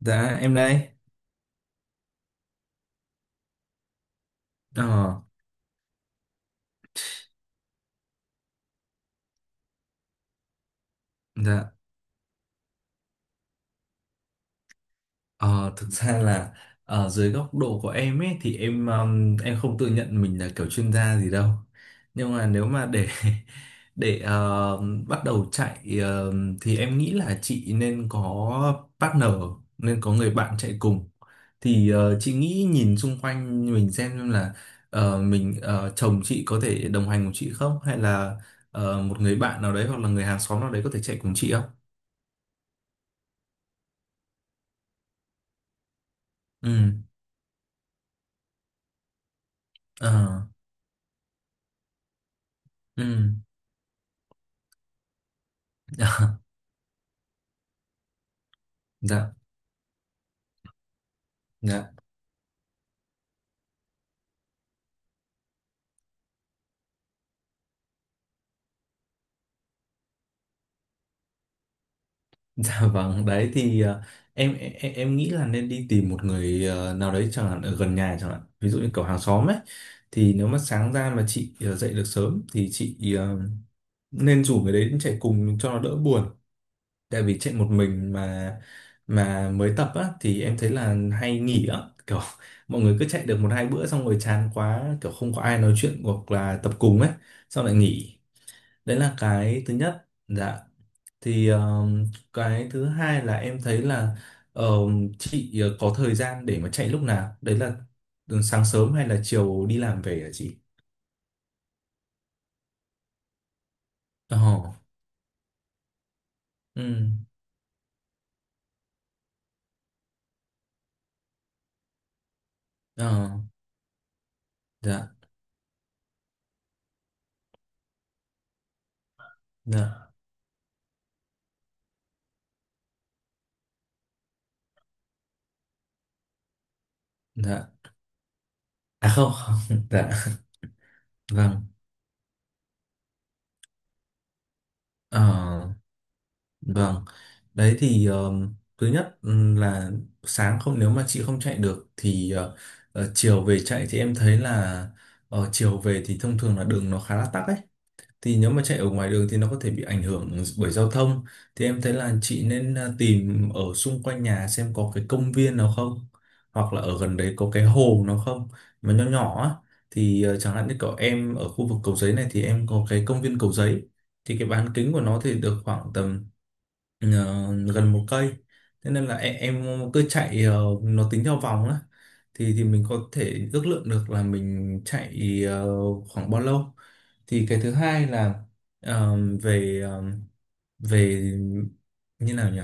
Dạ em đây. Ờ, dạ. Ờ, Thực ra là ở dưới góc độ của em ấy thì em không tự nhận mình là kiểu chuyên gia gì đâu. Nhưng mà nếu mà để để bắt đầu chạy, thì em nghĩ là chị nên có partner, nên có người bạn chạy cùng. Thì chị nghĩ nhìn xung quanh mình xem là mình, chồng chị có thể đồng hành cùng chị không, hay là một người bạn nào đấy hoặc là người hàng xóm nào đấy có thể chạy cùng chị không? Ừ. Ờ, ừ. Dạ, dạ, dạ vâng. Đấy thì em nghĩ là nên đi tìm một người nào đấy chẳng hạn, ở gần nhà chẳng hạn, ví dụ như kiểu hàng xóm ấy, thì nếu mà sáng ra mà chị dậy được sớm thì chị nên rủ người đấy đến chạy cùng cho nó đỡ buồn. Tại vì chạy một mình, mà mới tập á, thì em thấy là hay nghỉ á. Kiểu mọi người cứ chạy được một hai bữa xong rồi chán quá, kiểu không có ai nói chuyện hoặc là tập cùng ấy, xong lại nghỉ. Đấy là cái thứ nhất. Dạ. Thì cái thứ hai là em thấy là, chị có thời gian để mà chạy lúc nào đấy là, sáng sớm hay là chiều đi làm về hả chị? Ờ. Ừ. Ờ. Dạ, dạ, dạ. À, không, không. Dạ vâng. Ờ, vâng. Đấy thì thứ nhất, là sáng không, nếu mà chị không chạy được thì chiều về chạy thì em thấy là, chiều về thì thông thường là đường nó khá là tắc ấy, thì nếu mà chạy ở ngoài đường thì nó có thể bị ảnh hưởng bởi giao thông, thì em thấy là chị nên tìm ở xung quanh nhà xem có cái công viên nào không, hoặc là ở gần đấy có cái hồ nào không mà nhỏ nhỏ á. Thì chẳng hạn như cậu em ở khu vực Cầu Giấy này thì em có cái công viên Cầu Giấy. Thì cái bán kính của nó thì được khoảng tầm ờ, gần một cây. Thế nên là em cứ chạy, nó tính theo vòng á. Thì mình có thể ước lượng được là mình chạy khoảng bao lâu. Thì cái thứ hai là, ờ, về, về như nào nhỉ,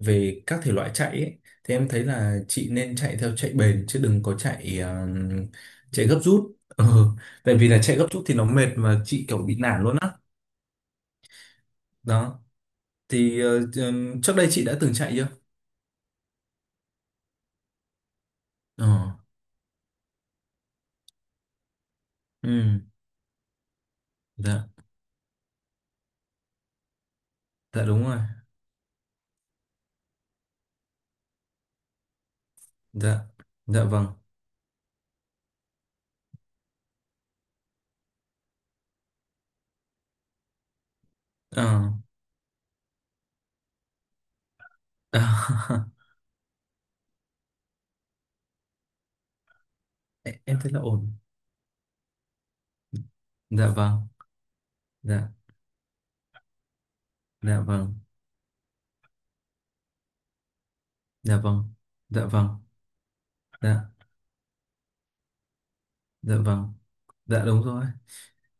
về các thể loại chạy ấy, thì em thấy là chị nên chạy theo chạy bền chứ đừng có chạy, chạy gấp rút. Ừ. Tại vì là chạy gấp rút thì nó mệt mà chị kiểu bị nản luôn á. Đó. Thì trước đây chị đã từng chạy chưa? Ờ. Ừ, dạ, dạ đúng rồi, dạ, dạ vâng. Ờ. Em thấy là ổn. Dạ vâng, dạ, dạ vâng, dạ vâng, dạ vâng, dạ, dạ vâng, dạ đúng rồi.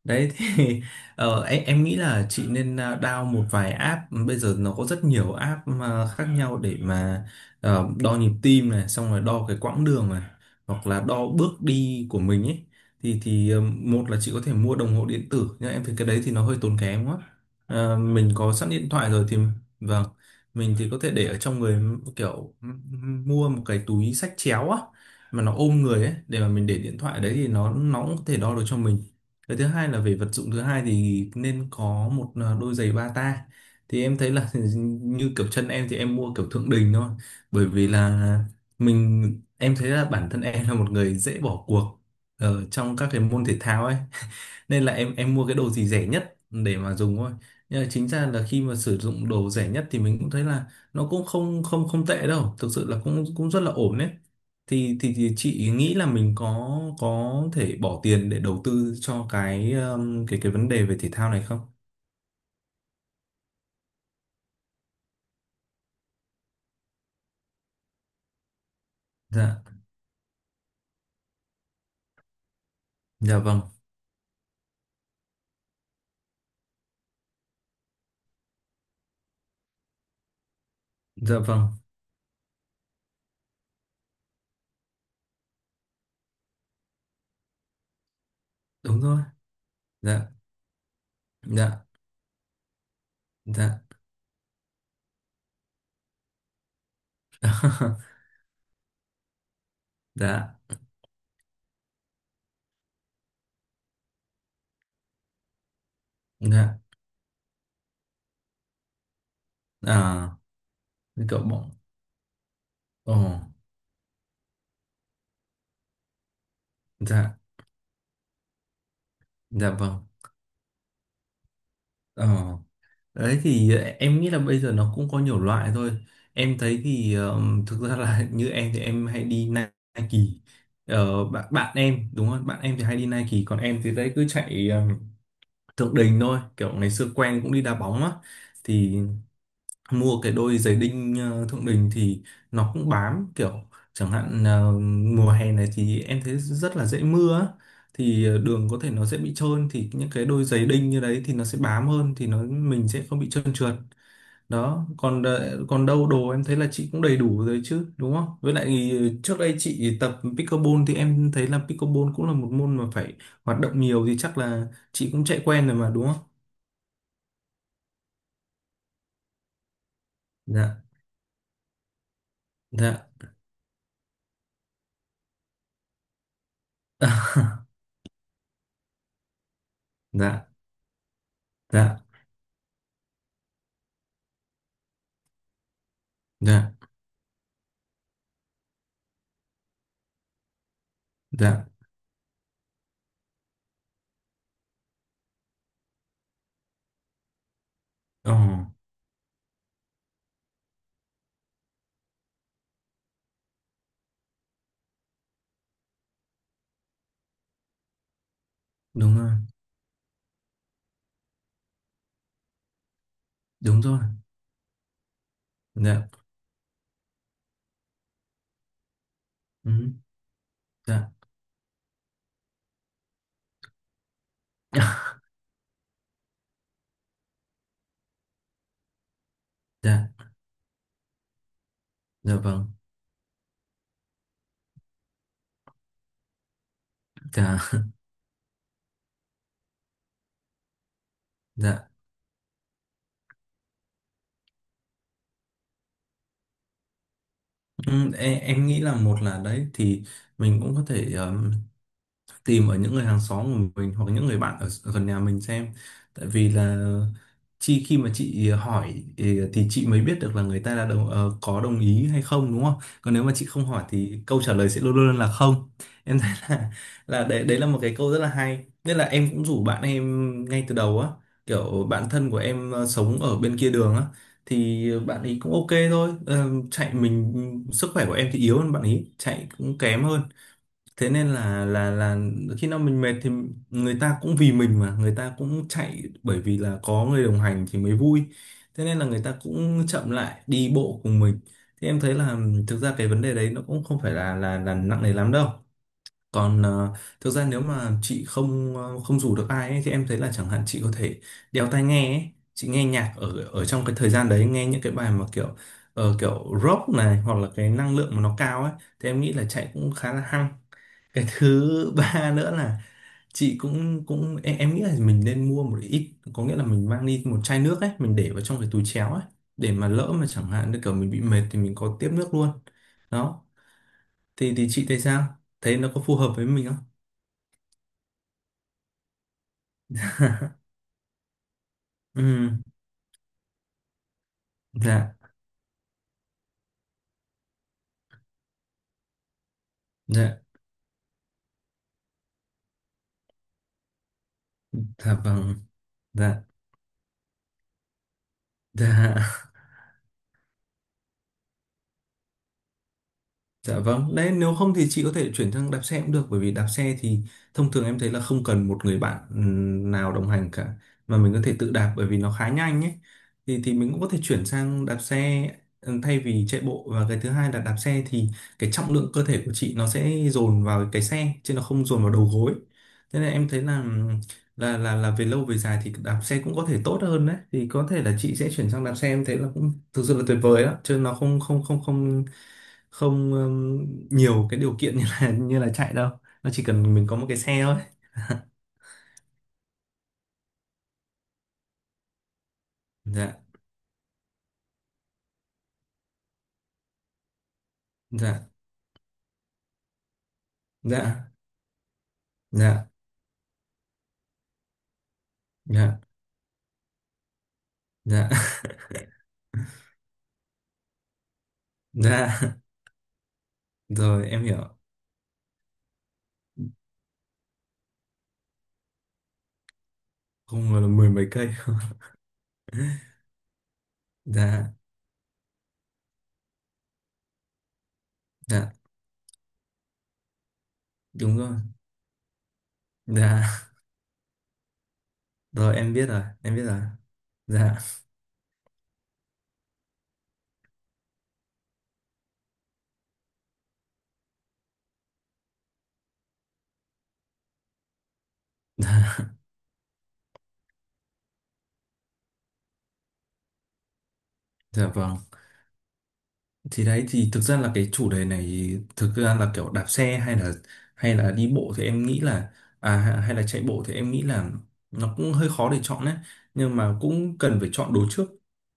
Đấy thì em nghĩ là chị nên down một vài app. Bây giờ nó có rất nhiều app mà khác nhau để mà đo nhịp tim này, xong rồi đo cái quãng đường này, hoặc là đo bước đi của mình ấy. Thì một là chị có thể mua đồng hồ điện tử nhưng em thấy cái đấy thì nó hơi tốn kém quá. Ờ, mình có sẵn điện thoại rồi thì, vâng, mình thì có thể để ở trong người, kiểu mua một cái túi xách chéo á mà nó ôm người ấy, để mà mình để điện thoại đấy thì nó cũng có thể đo được cho mình. Cái thứ hai là về vật dụng, thứ hai thì nên có một đôi giày bata. Thì em thấy là như kiểu chân em thì em mua kiểu Thượng Đình thôi. Bởi vì là mình em thấy là bản thân em là một người dễ bỏ cuộc ở trong các cái môn thể thao ấy, nên là em mua cái đồ gì rẻ nhất để mà dùng thôi. Nhưng mà chính ra là khi mà sử dụng đồ rẻ nhất thì mình cũng thấy là nó cũng không không không tệ đâu, thực sự là cũng cũng rất là ổn đấy. Thì chị nghĩ là mình có thể bỏ tiền để đầu tư cho cái, cái vấn đề về thể thao này không? Dạ, dạ vâng, dạ vâng, đúng rồi, dạ, dạ, dạ. Dạ, dạ, à, cậu bọn, ồ, dạ, dạ vâng, ờ. Đấy thì em nghĩ là bây giờ nó cũng có nhiều loại thôi. Em thấy thì thực ra là, như em thì em hay đi Nike. Ờ, bạn bạn em đúng không? Bạn em thì hay đi Nike, còn em thì đấy cứ chạy Thượng Đình thôi. Kiểu ngày xưa quen cũng đi đá bóng á, thì mua cái đôi giày đinh Thượng Đình thì nó cũng bám, kiểu chẳng hạn mùa hè này thì em thấy rất là dễ mưa á. Thì đường có thể nó sẽ bị trơn, thì những cái đôi giày đinh như đấy thì nó sẽ bám hơn, thì nó mình sẽ không bị trơn trượt. Đó. Còn còn đâu đồ em thấy là chị cũng đầy đủ rồi chứ, đúng không? Với lại thì trước đây chị tập pickleball thì em thấy là pickleball cũng là một môn mà phải hoạt động nhiều, thì chắc là chị cũng chạy quen rồi mà đúng không? Dạ, dạ. Dạ, dạ, dạ, dạ, ờ, đúng rồi, đúng rồi, dạ. Ừ, dạ. Dạ, dạ vâng, dạ, dạ. Ừ, em nghĩ là, một là đấy thì mình cũng có thể tìm ở những người hàng xóm của mình hoặc những người bạn ở ở gần nhà mình xem. Tại vì là chị, khi mà chị hỏi thì chị mới biết được là người ta đã có đồng ý hay không, đúng không? Còn nếu mà chị không hỏi thì câu trả lời sẽ luôn luôn là không. Em thấy là đấy đấy là một cái câu rất là hay, nên là em cũng rủ bạn em ngay từ đầu á. Kiểu bạn thân của em sống ở bên kia đường á, thì bạn ấy cũng ok thôi. Ờ, chạy mình, sức khỏe của em thì yếu hơn, bạn ấy chạy cũng kém hơn. Thế nên là khi nào mình mệt thì người ta cũng vì mình mà người ta cũng chạy, bởi vì là có người đồng hành thì mới vui, thế nên là người ta cũng chậm lại đi bộ cùng mình. Thì em thấy là, thực ra cái vấn đề đấy nó cũng không phải là nặng nề lắm đâu. Còn thực ra nếu mà chị không, không rủ được ai ấy, thì em thấy là chẳng hạn chị có thể đeo tai nghe ấy. Chị nghe nhạc ở, trong cái thời gian đấy, nghe những cái bài mà kiểu, kiểu rock này, hoặc là cái năng lượng mà nó cao ấy, thì em nghĩ là chạy cũng khá là hăng. Cái thứ ba nữa là chị cũng cũng em nghĩ là mình nên mua một ít, có nghĩa là mình mang đi một chai nước ấy, mình để vào trong cái túi chéo ấy, để mà lỡ mà chẳng hạn như kiểu mình bị mệt thì mình có tiếp nước luôn. Đó. Thì chị thấy sao, thấy nó có phù hợp với mình không? Ừ, dạ, dạ, dạ vâng, dạ, dạ. Dạ vâng, đấy, nếu không thì chị có thể chuyển sang đạp xe cũng được, bởi vì đạp xe thì thông thường em thấy là không cần một người bạn nào đồng hành cả, mà mình có thể tự đạp, bởi vì nó khá nhanh ấy. Thì mình cũng có thể chuyển sang đạp xe thay vì chạy bộ. Và cái thứ hai là, đạp xe thì cái trọng lượng cơ thể của chị nó sẽ dồn vào cái xe chứ nó không dồn vào đầu gối. Thế nên em thấy là, là về lâu về dài thì đạp xe cũng có thể tốt hơn. Đấy thì có thể là chị sẽ chuyển sang đạp xe, em thấy là cũng thực sự là tuyệt vời đó chứ, nó không không không không không nhiều cái điều kiện như là như là chạy đâu, nó chỉ cần mình có một cái xe thôi. Dạ, dạ, dạ, dạ, dạ, dạ. Dạ, rồi em hiểu. Không ngờ là mười mấy cây. Dạ, dạ đúng rồi. Dạ, rồi em biết rồi, em biết rồi. Dạ, dạ vâng. Thì đấy thì, thực ra là cái chủ đề này, thực ra là kiểu đạp xe hay là, đi bộ thì em nghĩ là, hay là chạy bộ thì em nghĩ là nó cũng hơi khó để chọn đấy. Nhưng mà cũng cần phải chọn đồ trước,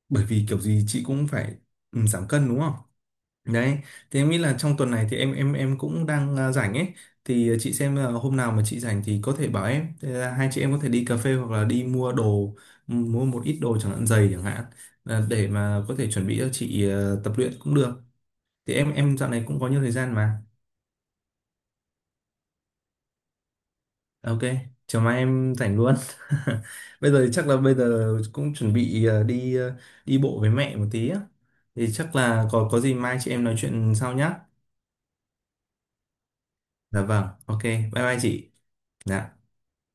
bởi vì kiểu gì chị cũng phải, giảm cân đúng không? Đấy thì em nghĩ là trong tuần này thì em cũng đang rảnh ấy, thì chị xem là hôm nào mà chị rảnh thì có thể bảo em. Thế là hai chị em có thể đi cà phê, hoặc là đi mua đồ, mua một ít đồ chẳng hạn, giày chẳng hạn, là để mà có thể chuẩn bị cho chị tập luyện cũng được. Thì em dạo này cũng có nhiều thời gian mà. À, ok, chiều mai em rảnh luôn. Bây giờ thì chắc là bây giờ cũng chuẩn bị đi bộ với mẹ một tí á, thì chắc là có gì mai chị em nói chuyện sau nhá. Dạ vâng, ok, bye bye chị. Dạ.